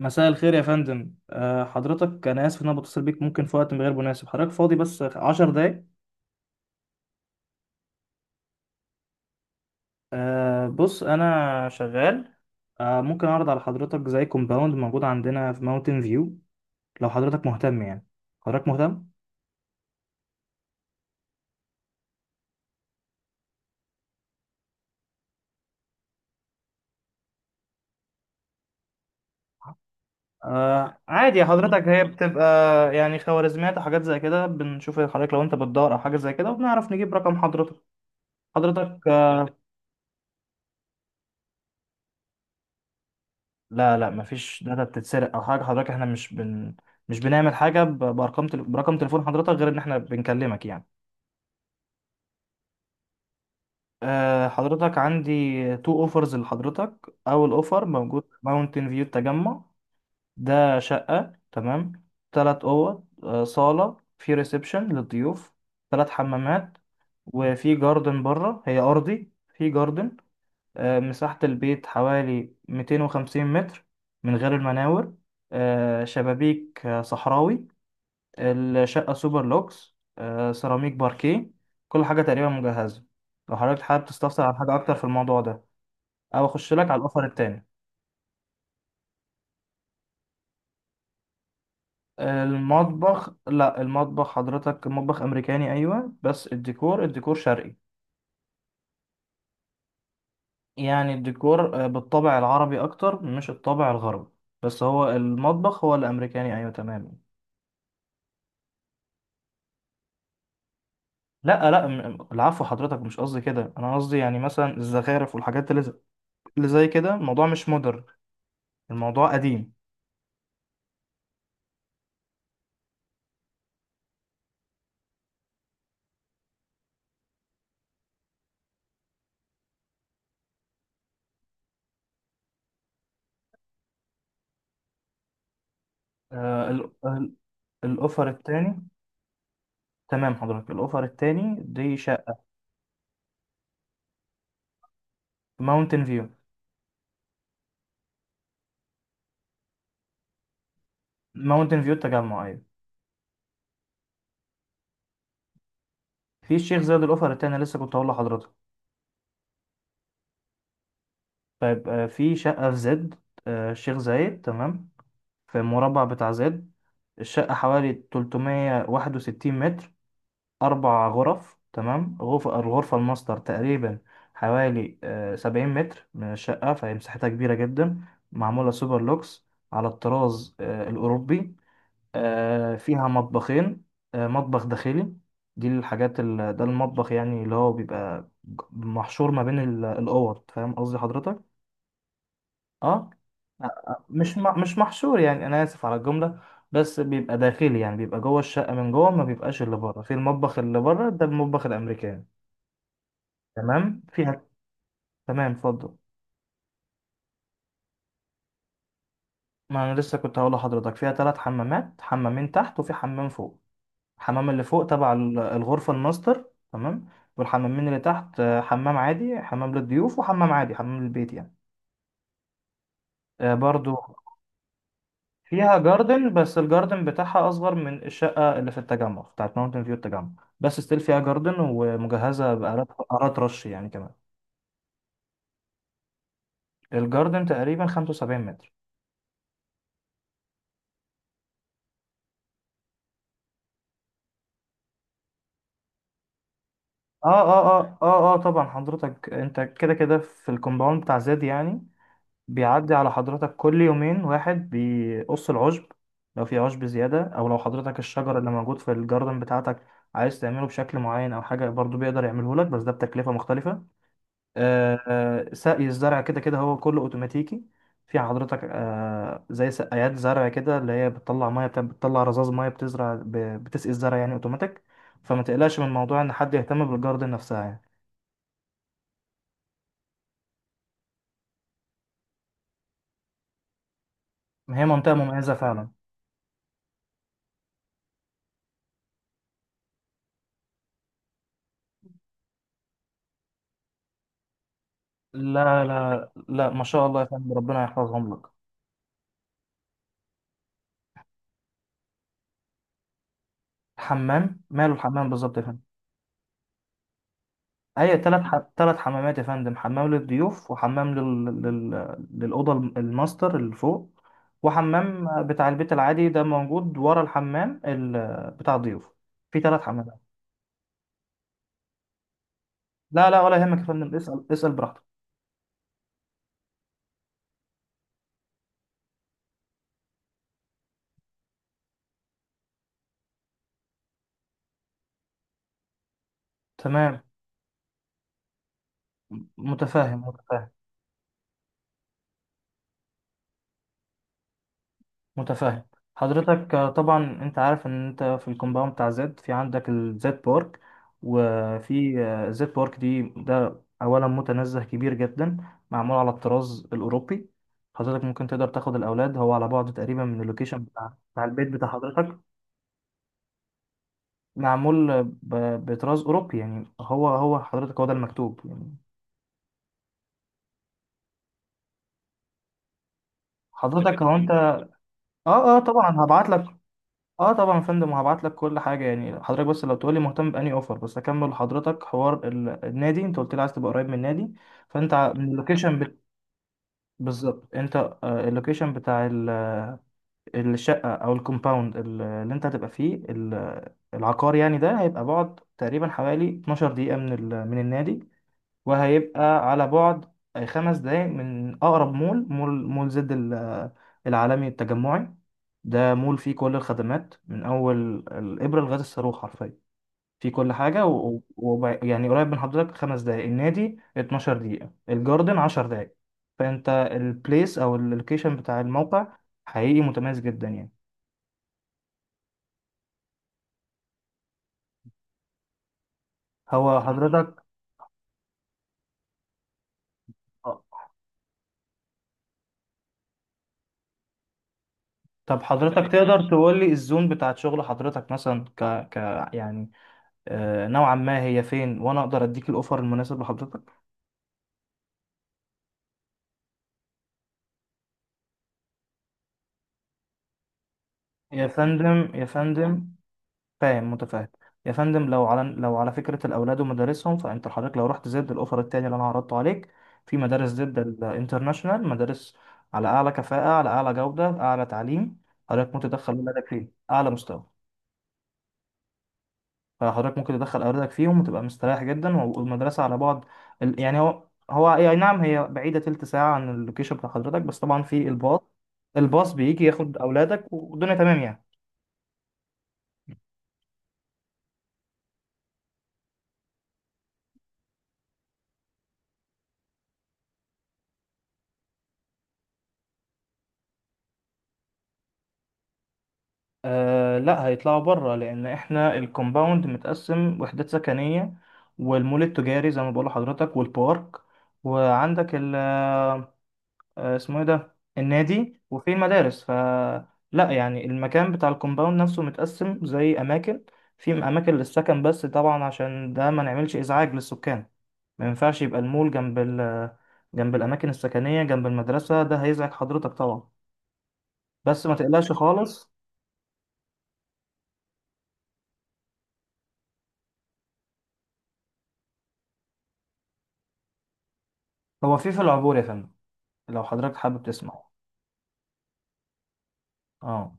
مساء الخير يا فندم، حضرتك انا اسف ان بتصل بيك، ممكن في وقت غير مناسب؟ حضرتك فاضي بس عشر دقايق؟ بص انا شغال. ممكن اعرض على حضرتك زي كومباوند موجود عندنا في ماونتن فيو لو حضرتك مهتم؟ يعني حضرتك مهتم؟ عادي يا حضرتك، هي بتبقى يعني خوارزميات وحاجات زي كده، بنشوف حضرتك لو انت بتدور او حاجه زي كده وبنعرف نجيب رقم حضرتك. حضرتك لا لا، مفيش داتا بتتسرق او حاجه حضرتك، احنا مش بنعمل حاجه برقم تليفون حضرتك غير ان احنا بنكلمك يعني. حضرتك عندي تو اوفرز لحضرتك. اول اوفر موجود ماونتن فيو التجمع. ده شقه، تمام، تلات اوض، صاله في ريسبشن للضيوف، تلات حمامات، وفي جاردن بره، هي ارضي في جاردن. مساحة البيت حوالي 250 متر من غير المناور. شبابيك صحراوي. الشقة سوبر لوكس، سيراميك باركيه، كل حاجة تقريبا مجهزة. لو حضرتك حابب تستفسر عن حاجة أكتر في الموضوع ده، أو أخش لك على الأوفر التاني؟ المطبخ، لا المطبخ حضرتك مطبخ أمريكاني، أيوة، بس الديكور شرقي. يعني الديكور بالطابع العربي أكتر، مش الطابع الغربي، بس هو المطبخ هو الأمريكاني، أيوة تمام. لا لا، العفو حضرتك، مش قصدي كده، انا قصدي يعني مثلا الزخارف والحاجات اللي زي كده. الموضوع مش مودرن، الموضوع قديم. آه ال- ال- الاوفر التاني، تمام حضرتك، الاوفر التاني دي شقه. ماونتن فيو. ماونتن فيو التجمع، ايوه. في الشيخ زايد الاوفر التاني، لسه كنت هقول لحضرتك. طيب، في شقه في زد، الشيخ زايد، تمام. في المربع بتاع زد، الشقه حوالي 361 متر، أربع غرف، تمام. الغرفة الماستر تقريبا حوالي سبعين متر من الشقة، فهي مساحتها كبيرة جدا، معمولة سوبر لوكس على الطراز الأوروبي. فيها مطبخين. مطبخ داخلي، ده المطبخ يعني اللي هو بيبقى محشور ما بين الأوض، فاهم قصدي حضرتك؟ اه مش مش محشور، يعني انا اسف على الجمله، بس بيبقى داخلي، يعني بيبقى جوه الشقه من جوه، ما بيبقاش اللي بره. في المطبخ اللي بره، ده المطبخ الامريكاني. تمام فيها. تمام اتفضل. ما انا لسه كنت هقول لحضرتك، فيها ثلاث حمامات، حمامين تحت وفي حمام فوق. الحمام اللي فوق تبع الغرفه الماستر، تمام. والحمامين اللي تحت حمام عادي حمام للضيوف، وحمام عادي حمام البيت يعني. برضو فيها جاردن، بس الجاردن بتاعها اصغر من الشقه اللي في التجمع بتاعت ماونتن فيو التجمع، بس ستيل فيها جاردن ومجهزه آلات رش يعني كمان. الجاردن تقريبا 75 متر. اه طبعا حضرتك، انت كده كده في الكومباوند بتاع زاد يعني، بيعدي على حضرتك كل يومين واحد بيقص العشب لو في عشب زيادة، او لو حضرتك الشجر اللي موجود في الجاردن بتاعتك عايز تعمله بشكل معين او حاجة، برضو بيقدر يعمله لك، بس ده بتكلفة مختلفة. آه، سقي الزرع كده كده هو كله اوتوماتيكي. في حضرتك زي سقايات زرع كده، اللي هي بتطلع ميه، بتطلع رذاذ ميه، بتسقي الزرع يعني اوتوماتيك، فما تقلقش من موضوع ان حد يهتم بالجاردن نفسها يعني. هي منطقه مميزه فعلا. لا لا لا، ما شاء الله يا فندم، ربنا يحفظهم لك. الحمام ماله الحمام بالظبط يا فندم؟ هي تلات حمامات يا فندم، حمام للضيوف، وحمام للأوضة الماستر اللي فوق، وحمام بتاع البيت العادي ده موجود ورا الحمام بتاع الضيوف. في تلات حمامات. لا لا، ولا يهمك يا فندم، اسأل اسأل براحتك. تمام. متفاهم. متفاهم متفاهم. حضرتك طبعا انت عارف ان انت في الكومباوند بتاع زد، في عندك الزد بارك، وفي زد بارك دي، ده اولا متنزه كبير جدا، معمول على الطراز الاوروبي، حضرتك ممكن تقدر تاخد الاولاد، هو على بعد تقريبا من اللوكيشن بتاع البيت بتاع حضرتك. معمول بطراز اوروبي، يعني هو حضرتك هو ده المكتوب يعني. حضرتك هو انت اه اه، طبعا هبعت لك. اه طبعا يا فندم، وهبعت لك كل حاجه يعني حضرتك، بس لو تقولي مهتم باني اوفر، بس اكمل لحضرتك حوار النادي، انت قلت لي عايز تبقى قريب من النادي، فانت من بالظبط انت اللوكيشن بتاع الشقه او الكومباوند اللي انت هتبقى فيه العقار يعني، ده هيبقى بعد تقريبا حوالي 12 دقيقه من النادي، وهيبقى على بعد خمس دقايق من أقرب مول، مول زد العالمي التجمعي. ده مول فيه كل الخدمات، من أول الإبرة لغاية الصاروخ حرفيا، فيه كل حاجة يعني قريب من حضرتك، خمس دقايق النادي، 12 دقيقة الجاردن، 10 دقايق، فأنت البليس أو اللوكيشن بتاع الموقع حقيقي متميز جدا يعني. هو حضرتك آه. طب حضرتك تقدر تقول لي الزون بتاعت شغل حضرتك مثلا؟ ك... يعني نوعا ما هي فين، وانا اقدر اديك الاوفر المناسب لحضرتك. يا فندم يا فندم، فاهم متفاهم. يا فندم لو على فكره الاولاد ومدارسهم، فانت حضرتك لو رحت زد الاوفر التاني اللي انا عرضته عليك، في مدارس زد الانترناشونال، مدارس على اعلى كفاءه، على اعلى جوده، اعلى تعليم، حضرتك متدخل ولادك فيه اعلى مستوى. فحضرتك ممكن تدخل أولادك فيهم وتبقى مستريح جدا، والمدرسة على بعد يعني هو، هو أي نعم هي بعيدة تلت ساعة عن اللوكيشن بتاع حضرتك، بس طبعا في الباص، الباص بيجي ياخد أولادك، والدنيا تمام يعني. آه لا، هيطلعوا بره لأن إحنا الكومباوند متقسم وحدات سكنية، والمول التجاري زي ما بقول لحضرتك، والبارك، وعندك اسمه ايه ده، النادي، وفي المدارس، ف لا، يعني المكان بتاع الكومباوند نفسه متقسم زي اماكن، في اماكن للسكن، بس طبعا عشان ده ما نعملش ازعاج للسكان، ما ينفعش يبقى المول جنب جنب الاماكن السكنيه، جنب المدرسه، ده هيزعج حضرتك طبعا، بس ما تقلقش خالص. هو في في العبور يا فندم، لو حضرتك حابب تسمع. اه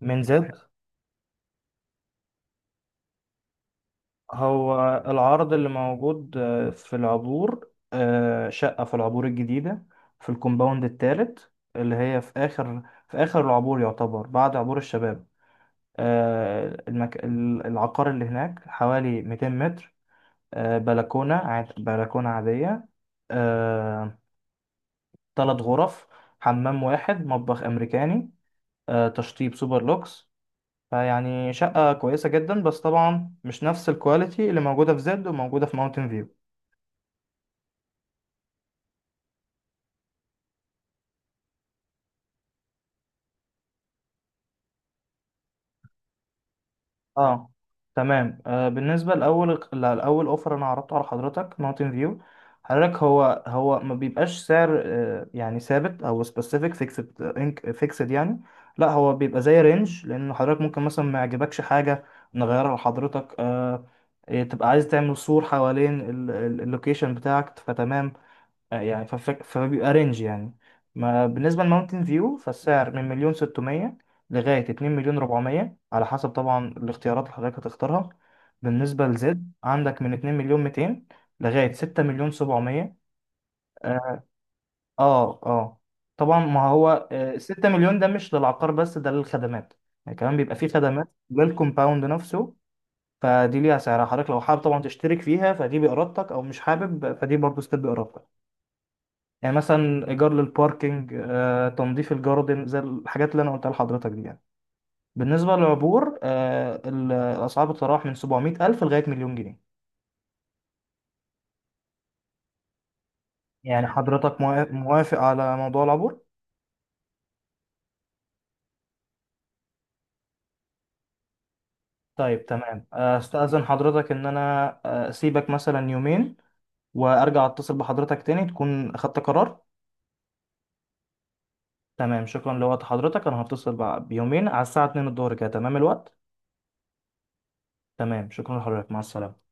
من زد. هو العرض اللي موجود في العبور، شقة في العبور الجديدة، في الكومباوند التالت، اللي هي في آخر العبور، يعتبر بعد عبور الشباب. العقار اللي هناك حوالي 200 متر، بلكونة عادية، آه، تلات غرف، حمام واحد، مطبخ أمريكاني، تشطيب سوبر لوكس، فيعني شقة كويسة جدا، بس طبعا مش نفس الكواليتي اللي موجودة في زد وموجودة في ماونتن فيو. اه تمام. آه بالنسبه لاول اوفر انا عرضته على حضرتك ماونتن فيو، حضرتك هو ما بيبقاش سعر يعني ثابت او سبيسيفيك فيكسد، انك فيكسد يعني، لا هو بيبقى زي رينج، لان حضرتك ممكن مثلا ما يعجبكش حاجه نغيرها لحضرتك. آه إيه، تبقى عايز تعمل سور حوالين اللوكيشن بتاعك فتمام، فبيبقى رينج يعني. ما بالنسبة لماونتن فيو، فالسعر من مليون ستمية لغاية اتنين مليون ربعمية، على حسب طبعا الاختيارات اللي حضرتك هتختارها. بالنسبة لزد، عندك من اتنين مليون ميتين لغاية ستة مليون سبعمية. اه اه طبعا ما هو ستة مليون ده مش للعقار بس، ده للخدمات، يعني كمان بيبقى فيه خدمات للكومباوند نفسه، فدي ليها سعرها، حضرتك لو حابب طبعا تشترك فيها فدي بإرادتك، أو مش حابب فدي برضه ستيب بإرادتك، يعني مثلا ايجار للباركينج، تنظيف الجاردن، زي الحاجات اللي انا قلتها لحضرتك دي يعني. بالنسبه للعبور الاسعار بتتراوح من 700 الف لغايه مليون جنيه. يعني حضرتك موافق على موضوع العبور؟ طيب تمام، استاذن حضرتك ان انا اسيبك مثلا يومين، وارجع اتصل بحضرتك تاني تكون اخدت قرار. تمام، شكرا لوقت حضرتك، انا هتصل بيومين على الساعه 2 الظهر كده، تمام الوقت؟ تمام، شكرا لحضرتك، مع السلامه.